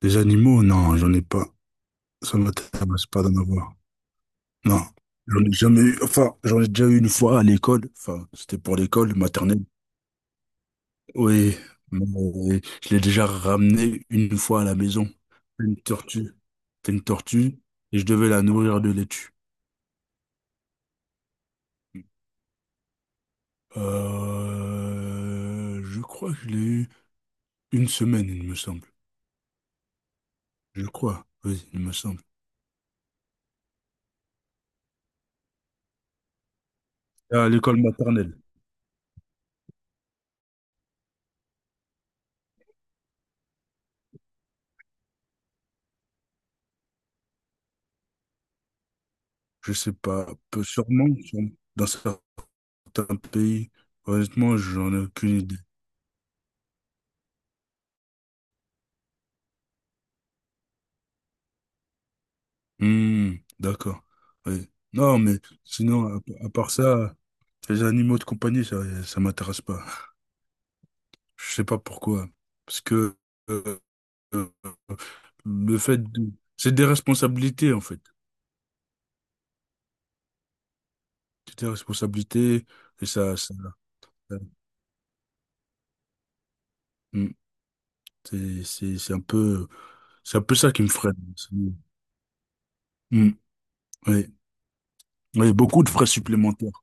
Des animaux, non, j'en ai pas. Sur ma table, c'est pas d'en avoir. Non, j'en ai jamais eu. Enfin, j'en ai déjà eu une fois à l'école. Enfin, c'était pour l'école maternelle. Oui, mais je l'ai déjà ramené une fois à la maison. Une tortue. C'était une tortue et je devais la nourrir de laitue. Je crois que je l'ai eu une semaine, il me semble. Je crois, oui, il me semble. À l'école maternelle. Je sais pas, peu sûrement, sûrement. Dans ça. Un pays, honnêtement, j'en ai aucune idée. Hmm, d'accord. Oui. Non, mais sinon, à part ça, les animaux de compagnie, ça m'intéresse pas. Je sais pas pourquoi. Parce que euh, euh, euh, le fait de... C'est des responsabilités, en fait. C'est des responsabilités, et ça. Hmm. C'est un peu, c'est un peu ça qui me freine. C'est... Hmm. Oui. Oui, beaucoup de frais supplémentaires.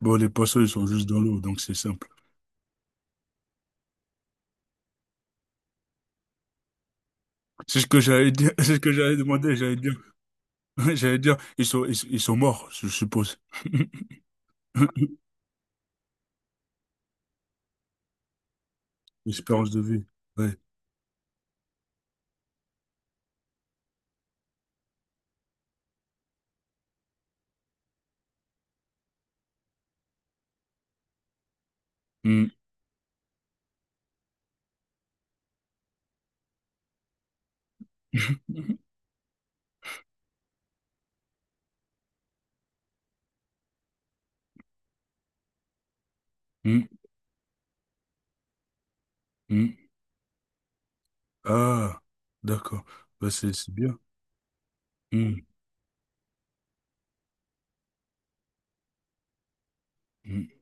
Bon, les poissons, ils sont juste dans l'eau, donc c'est ça. C'est ce que j'allais dire, c'est ce que j'allais demander, j'allais dire, j'allais dire, ils sont morts, je suppose. Espérance de vie, ouais. Hmm. Hmm, hmm. Ah, d'accord. Bah, c'est bien. Hmm, hmm.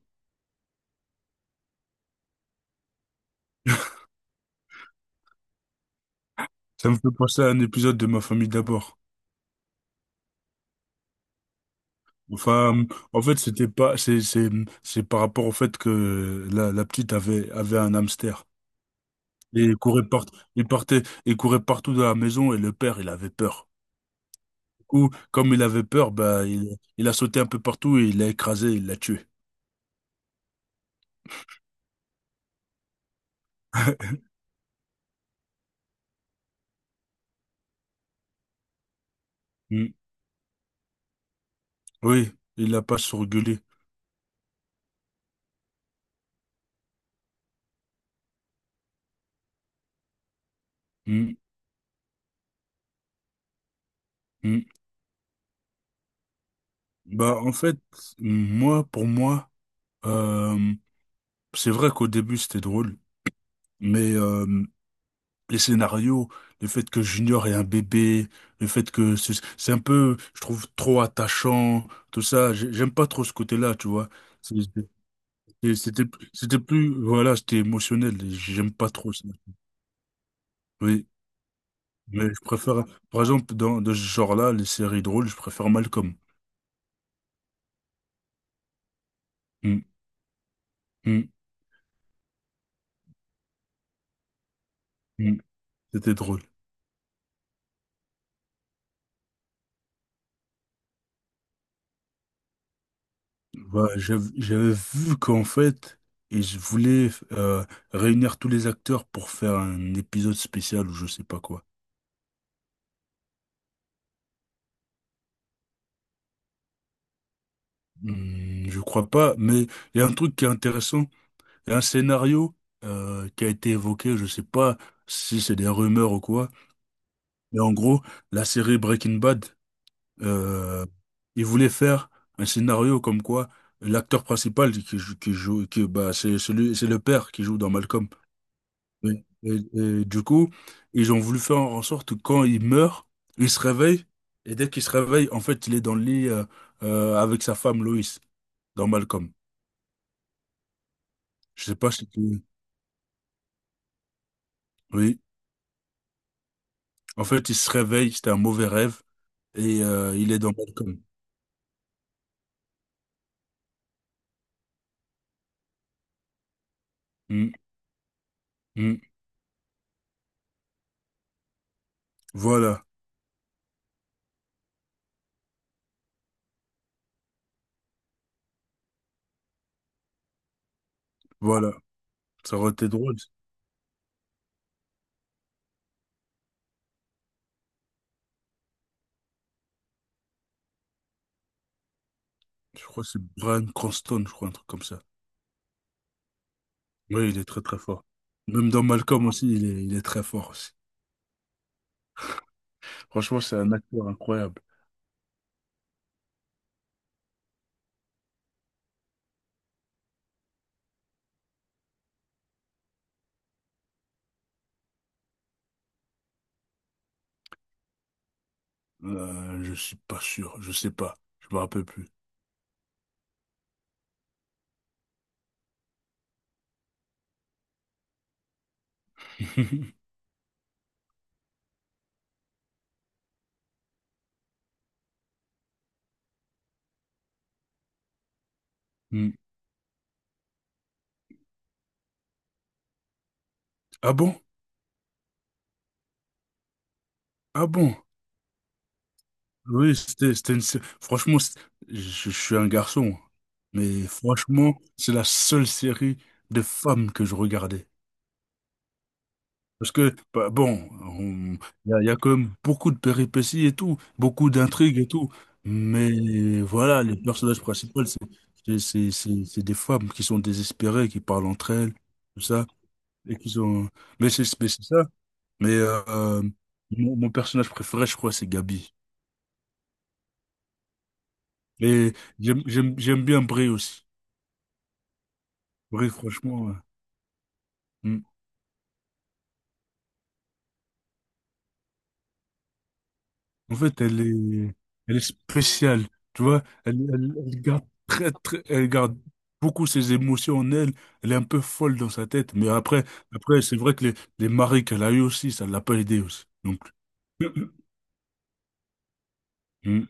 Ça me fait penser à un épisode de Ma famille d'abord. Enfin, en fait, c'était pas, c'est par rapport au fait que la petite avait un hamster. Et il partait, il courait partout dans la maison et le père, il avait peur. Coup, comme il avait peur, bah, il a sauté un peu partout et il l'a écrasé, il l'a tué. Mm. Oui, il l'a pas surgulé. Mm. Mm. Bah, en fait, moi, pour moi, euh, c'est vrai qu'au début, c'était drôle, mais les scénarios, le fait que Junior est un bébé, le fait que c'est un peu, je trouve, trop attachant, tout ça, j'aime pas trop ce côté-là, tu vois. C'est- c'est- C'était plus, voilà, c'était émotionnel, et j'aime pas trop ça. Oui. Mais je préfère, par exemple, dans de ce genre-là, les séries drôles, je préfère Malcolm. Hmm, hmm, hmm. C'était drôle. Bah, j'avais vu qu'en fait, ils voulaient réunir tous les acteurs pour faire un épisode spécial ou je sais pas quoi. Hmm, je crois pas, mais il y a un truc qui est intéressant. Il y a un scénario qui a été évoqué, je sais pas si c'est des rumeurs ou quoi. Mais en gros, la série Breaking Bad. Euh, il voulait faire un scénario comme quoi l'acteur principal qui joue, bah, c'est celui, c'est le père qui joue dans Malcolm. Et du coup, ils ont voulu faire en sorte que quand il meurt, il se réveille, et dès qu'il se réveille, en fait, il est dans le lit avec sa femme Loïs, dans Malcolm. Je sais pas si tu... Oui, en fait, il se réveille, c'était un mauvais rêve, et il est dans Malcolm. Mm, mm. Voilà, voilà. Ça aurait été drôle. Je crois que c'est Brian Cranston, je crois, un truc comme ça. Oui, il est très très fort. Même dans Malcolm aussi, il est très fort aussi. Franchement, c'est un acteur incroyable. Je suis pas sûr, je sais pas, je me rappelle plus. Hmm. Ah bon? Ah bon? Oui, c'était une... Sé- Franchement, je, je suis un garçon, mais franchement, c'est la seule série de femmes que je regardais. Parce que, bah, bon, on- il y a quand même beaucoup de péripéties et tout, beaucoup d'intrigues et tout. Mais voilà, les personnages principaux, c'est des femmes qui sont désespérées, qui parlent entre elles, tout ça. Et qui sont... Mais c'est ça. Mais mon personnage préféré, je crois, c'est Gabi. Et j'aime bien Brie aussi. Brie, franchement. Ouais. Mm. En fait, elle est spéciale, tu vois. Elle garde elle garde beaucoup ses émotions en elle. Elle est un peu folle dans sa tête. Mais après, après, c'est vrai que les maris qu'elle a eu aussi, ça l'a pas aidé aussi. Donc, Mm.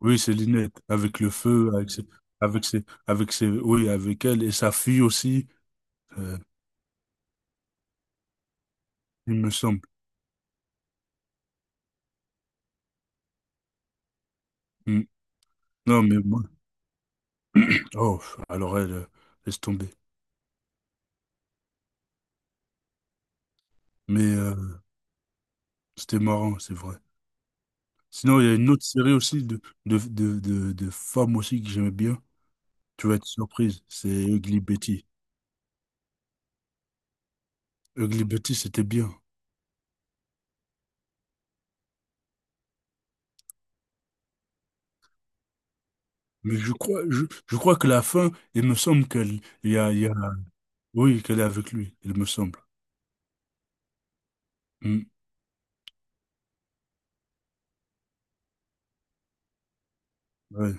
Oui, c'est Linette, avec le feu, avec ses, oui, avec elle et sa fille aussi, euh, il me semble. Mm. Non, mais moi, oh, alors elle, laisse tomber. Mais c'était marrant, c'est vrai. Sinon, il y a une autre série aussi de femmes aussi que j'aimais bien. Tu vas être surprise, c'est Ugly Betty. Ugly Betty, c'était bien. Mais je crois, je crois que la fin, il me semble qu'elle, oui, qu'elle est avec lui, il me semble. Hmm, ouais.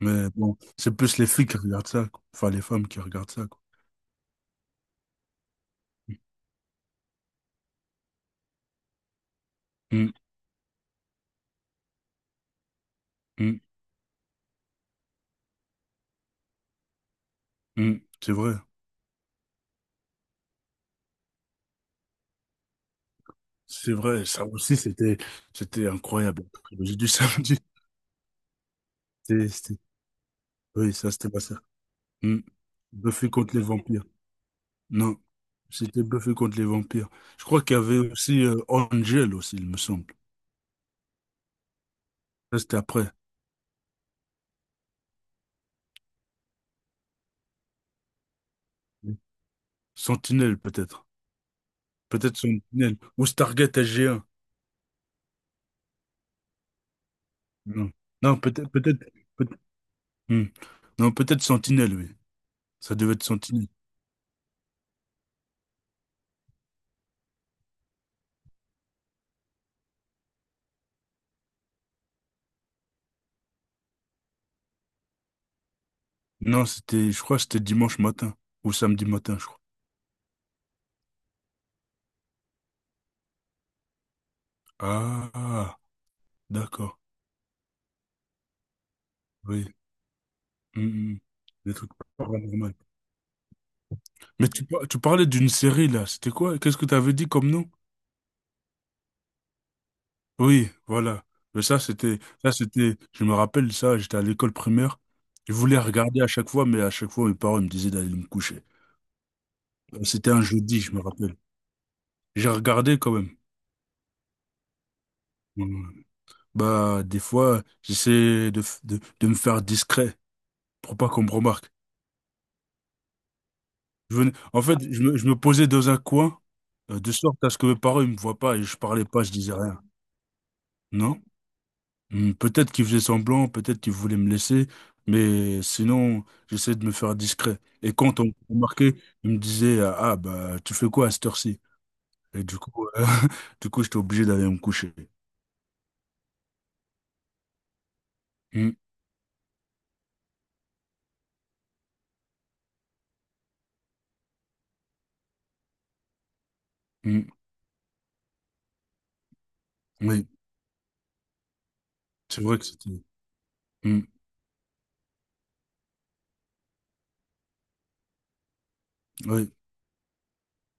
Mais bon, c'est plus les filles qui regardent ça, quoi. Enfin, les femmes qui regardent ça, quoi. Hmm, hmm, hmm. C'est vrai. C'est vrai. Ça aussi, c'était incroyable. La trilogie du samedi. C'était, c'était- oui, ça, c'était pas ça. Hmm. Buffy contre les vampires. Non, c'était Buffy contre les vampires. Je crois qu'il y avait aussi Angel aussi, il me semble. Ça, c'était après. Oui. Sentinelle, peut-être. Peut-être Sentinelle. Ou Stargate SG-1. Non, non, peut-être, peut- hmm. Non, peut-être Sentinelle, oui. Ça devait être Sentinelle. Non, c'était, je crois que c'était dimanche matin. Ou samedi matin, je crois. Ah, d'accord. Oui. Hmm, hmm. Des trucs paranormaux. Mais tu parlais d'une série, là. C'était quoi? Qu'est-ce que tu avais dit comme nom? Oui, voilà. Mais c'était, je me rappelle ça, j'étais à l'école primaire. Je voulais regarder à chaque fois, mais à chaque fois, mes parents me disaient d'aller me coucher. C'était un jeudi, je me rappelle. J'ai regardé quand même. Mm. Bah, des fois, j'essayais de me faire discret pour pas qu'on me remarque. En fait, je me posais dans un coin, de sorte à ce que mes parents ils me voient pas et je parlais pas, je disais rien. Non? Hmm, peut-être qu'il faisait semblant, peut-être qu'il voulait me laisser, mais sinon, j'essayais de me faire discret. Et quand on me remarquait, il me disait, ah, bah, tu fais quoi à cette heure-ci? Et du coup, du coup, j'étais obligé d'aller me coucher. Hmm, hmm. Oui, c'est vrai que c'était, hmm, oui.